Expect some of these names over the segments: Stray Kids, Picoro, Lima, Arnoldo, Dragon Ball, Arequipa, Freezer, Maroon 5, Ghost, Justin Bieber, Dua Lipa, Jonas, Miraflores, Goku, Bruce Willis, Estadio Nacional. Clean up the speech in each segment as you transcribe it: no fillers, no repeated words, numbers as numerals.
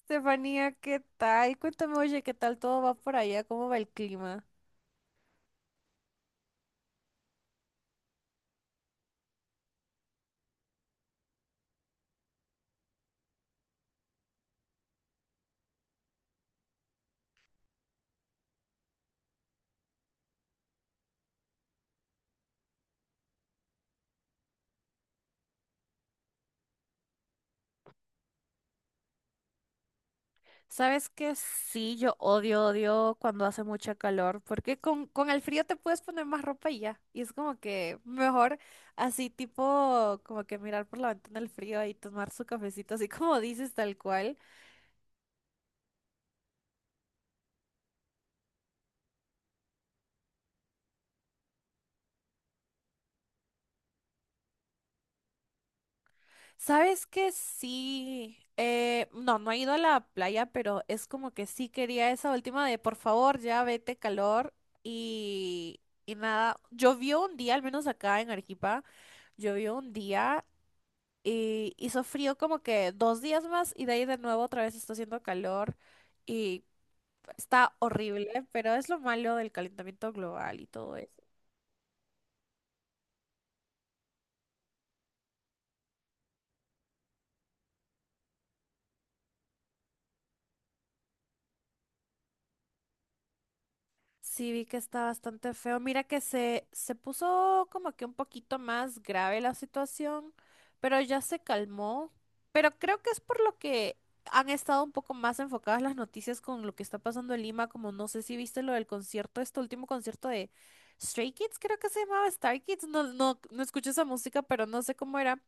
Estefanía, ¿qué tal? Cuéntame, oye, ¿qué tal todo va por allá? ¿Cómo va el clima? Sabes que sí, yo odio, odio cuando hace mucha calor, porque con el frío te puedes poner más ropa y ya. Y es como que mejor así tipo, como que mirar por la ventana el frío y tomar su cafecito, así como dices tal cual. ¿Sabes qué? Sí. No, no he ido a la playa, pero es como que sí quería esa última de por favor, ya vete calor y, y nada. Llovió un día, al menos acá en Arequipa, llovió un día y hizo frío como que dos días más y de ahí de nuevo otra vez está haciendo calor y está horrible, pero es lo malo del calentamiento global y todo. Sí, vi que está bastante feo. Mira que se puso como que un poquito más grave la situación, pero ya se calmó. Pero creo que es por lo que han estado un poco más enfocadas las noticias con lo que está pasando en Lima, como no sé si viste lo del concierto, este último concierto de Stray Kids, creo que se llamaba Star Kids. No, no, no escuché esa música, pero no sé cómo era.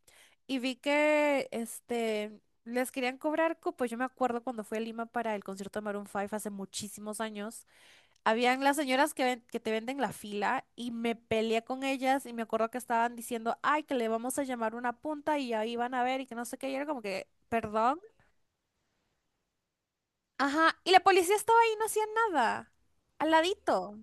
Y vi que les querían cobrar cupos. Yo me acuerdo cuando fui a Lima para el concierto de Maroon 5 hace muchísimos años. Habían las señoras que te venden la fila y me peleé con ellas y me acuerdo que estaban diciendo, ay, que le vamos a llamar una punta y ahí van a ver y que no sé qué. Y era como que, perdón. Ajá, y la policía estaba ahí, no hacía nada. Al ladito.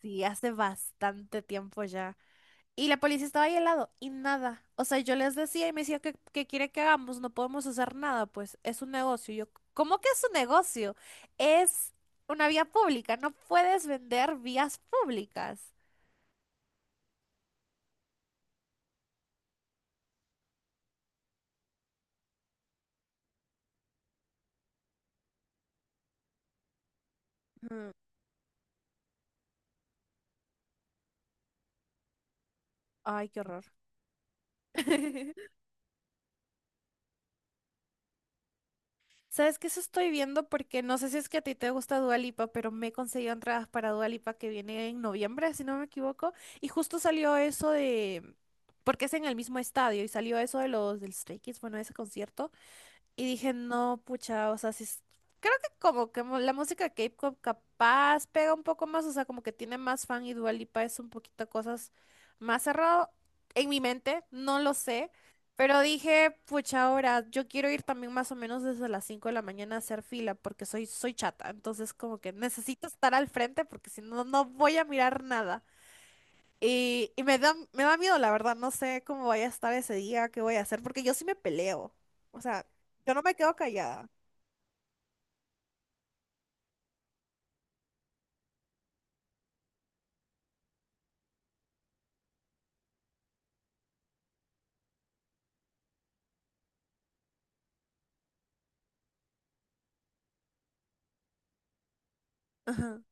Sí, hace bastante tiempo ya. Y la policía estaba ahí al lado y nada. O sea, yo les decía y me decía, ¿qué quiere que hagamos? No podemos hacer nada, pues es un negocio. Y yo, ¿cómo que es un negocio? Es una vía pública, no puedes vender vías públicas. Ay, qué horror. ¿Sabes qué? Eso estoy viendo porque no sé si es que a ti te gusta Dua Lipa, pero me he conseguido entradas para Dua Lipa que viene en noviembre, si no me equivoco. Y justo salió eso porque es en el mismo estadio y salió eso de los del Stray Kids, bueno, ese concierto. Y dije, no, pucha, o sea, sí, creo que como que la música K-pop capaz pega un poco más, o sea, como que tiene más fan y Dua Lipa es un poquito cosas más cerrado en mi mente, no lo sé, pero dije, pucha, ahora yo quiero ir también más o menos desde las 5 de la mañana a hacer fila porque soy chata, entonces como que necesito estar al frente porque si no, no voy a mirar nada. Y me da miedo, la verdad, no sé cómo voy a estar ese día, qué voy a hacer, porque yo sí me peleo. O sea, yo no me quedo callada. Ajá.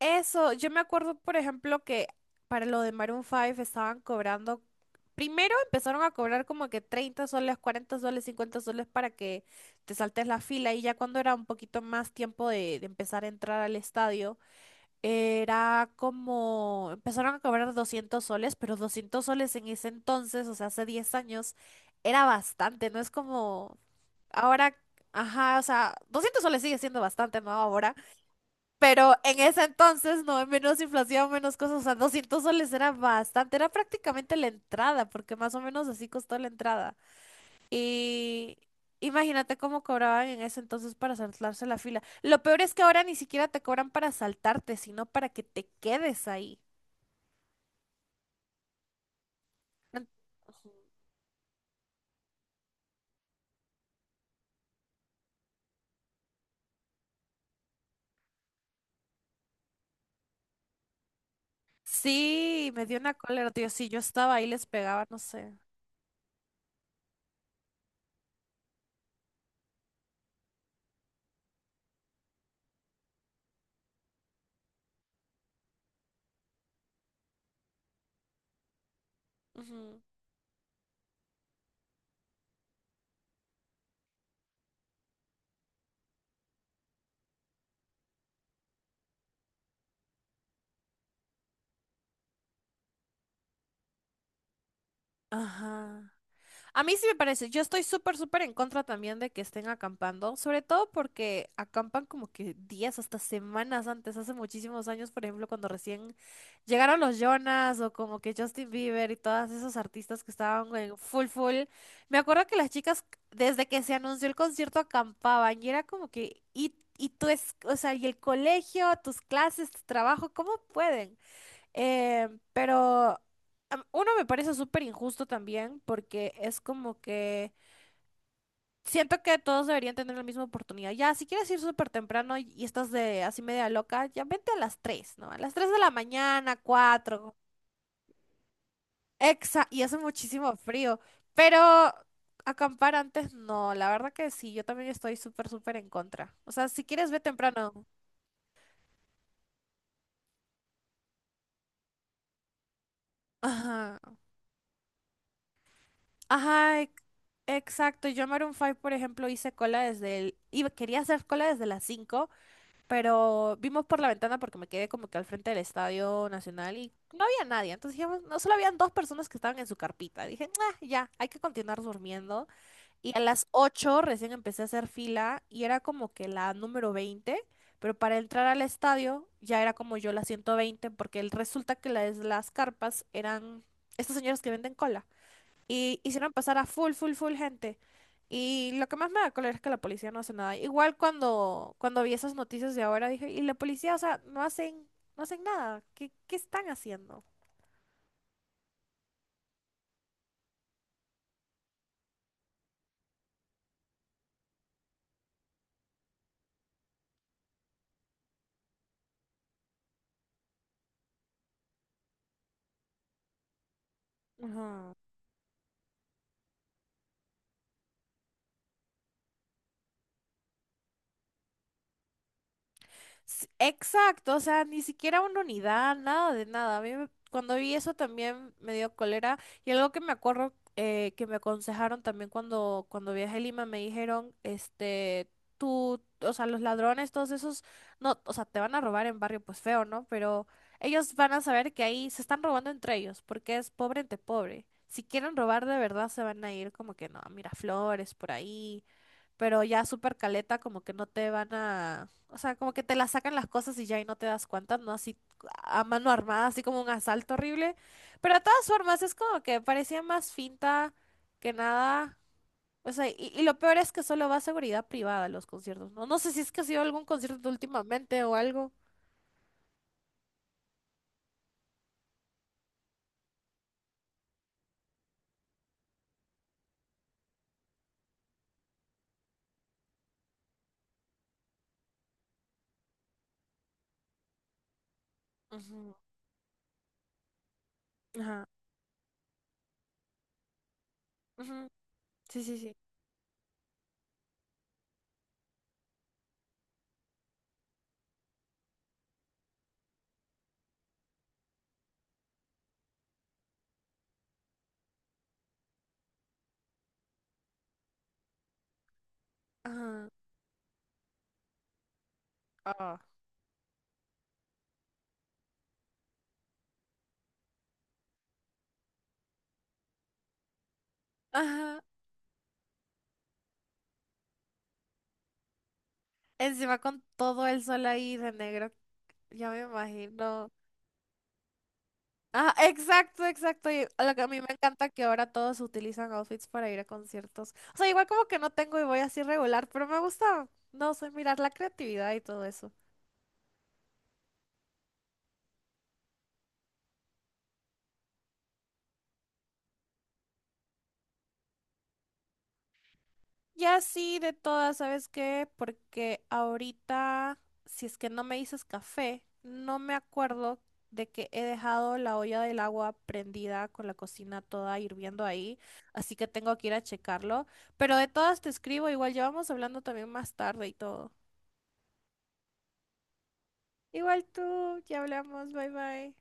Eso, yo me acuerdo, por ejemplo, que para lo de Maroon 5 estaban cobrando, primero empezaron a cobrar como que 30 soles, 40 soles, 50 soles para que te saltes la fila y ya cuando era un poquito más tiempo de empezar a entrar al estadio, era como, empezaron a cobrar 200 soles, pero 200 soles en ese entonces, o sea, hace 10 años, era bastante, no es como ahora, ajá, o sea, 200 soles sigue siendo bastante, ¿no? Ahora, pero en ese entonces, no, menos inflación, menos cosas, o sea, 200 soles era bastante, era prácticamente la entrada, porque más o menos así costó la entrada. Y imagínate cómo cobraban en ese entonces para saltarse la fila. Lo peor es que ahora ni siquiera te cobran para saltarte, sino para que te quedes ahí. En- Sí, me dio una cólera, tío. Si yo estaba ahí, les pegaba, no sé. Ujú. Ajá. A mí sí me parece, yo estoy súper, súper en contra también de que estén acampando, sobre todo porque acampan como que días, hasta semanas antes, hace muchísimos años, por ejemplo, cuando recién llegaron los Jonas o como que Justin Bieber y todos esos artistas que estaban en full, full. Me acuerdo que las chicas, desde que se anunció el concierto, acampaban y era como que, y tú es, o sea, y el colegio, tus clases, tu trabajo, ¿cómo pueden? Pero uno me parece súper injusto también porque es como que siento que todos deberían tener la misma oportunidad. Ya, si quieres ir súper temprano y estás de así media loca, ya vente a las 3, ¿no? A las 3 de la mañana, 4. Y hace muchísimo frío. Pero acampar antes, no, la verdad que sí, yo también estoy súper, súper en contra. O sea, si quieres, ve temprano. Ajá. Ajá, exacto. Yo en Maroon 5, por ejemplo, hice cola desde el... Iba, quería hacer cola desde las 5, pero vimos por la ventana porque me quedé como que al frente del Estadio Nacional y no había nadie. Entonces dijimos, no, solo habían dos personas que estaban en su carpita. Dije: "Ah, ya, hay que continuar durmiendo." Y a las 8 recién empecé a hacer fila y era como que la número 20, pero para entrar al estadio ya era como yo la 120 porque resulta que las carpas eran... Estos señores que venden cola y hicieron pasar a full, full, full gente. Y lo que más me da cólera es que la policía no hace nada. Igual cuando vi esas noticias de ahora dije, y la policía, o sea, no hacen nada. ¿Qué están haciendo? Ajá. Exacto, o sea, ni siquiera una unidad, nada de nada. A mí cuando vi eso también me dio cólera y algo que me acuerdo que me aconsejaron también cuando viajé a Lima me dijeron, tú, o sea, los ladrones, todos esos, no, o sea, te van a robar en barrio pues feo, ¿no? Pero ellos van a saber que ahí se están robando entre ellos porque es pobre entre pobre. Si quieren robar de verdad se van a ir como que no, a Miraflores, por ahí, pero ya súper caleta, como que no te van a, o sea, como que te la sacan las cosas y ya y no te das cuenta, ¿no? Así a mano armada, así como un asalto horrible. Pero de todas formas, es como que parecía más finta que nada. O sea, y lo peor es que solo va a seguridad privada a los conciertos, ¿no? No sé si es que ha sido algún concierto últimamente o algo. Ujú. Ajá. Ujú. Sí, sí, sí. Ajá. Ah. Ajá. Encima con todo el sol ahí de negro. Ya me imagino. Ah, exacto, exacto. Y lo que a mí me encanta que ahora todos utilizan outfits para ir a conciertos. O sea, igual como que no tengo y voy así regular, pero me gusta, no sé, mirar la creatividad y todo eso. Ya sí, de todas, ¿sabes qué? Porque ahorita, si es que no me dices café, no me acuerdo de que he dejado la olla del agua prendida con la cocina toda hirviendo ahí, así que tengo que ir a checarlo. Pero de todas te escribo, igual ya vamos hablando también más tarde y todo. Igual tú, ya hablamos, bye bye.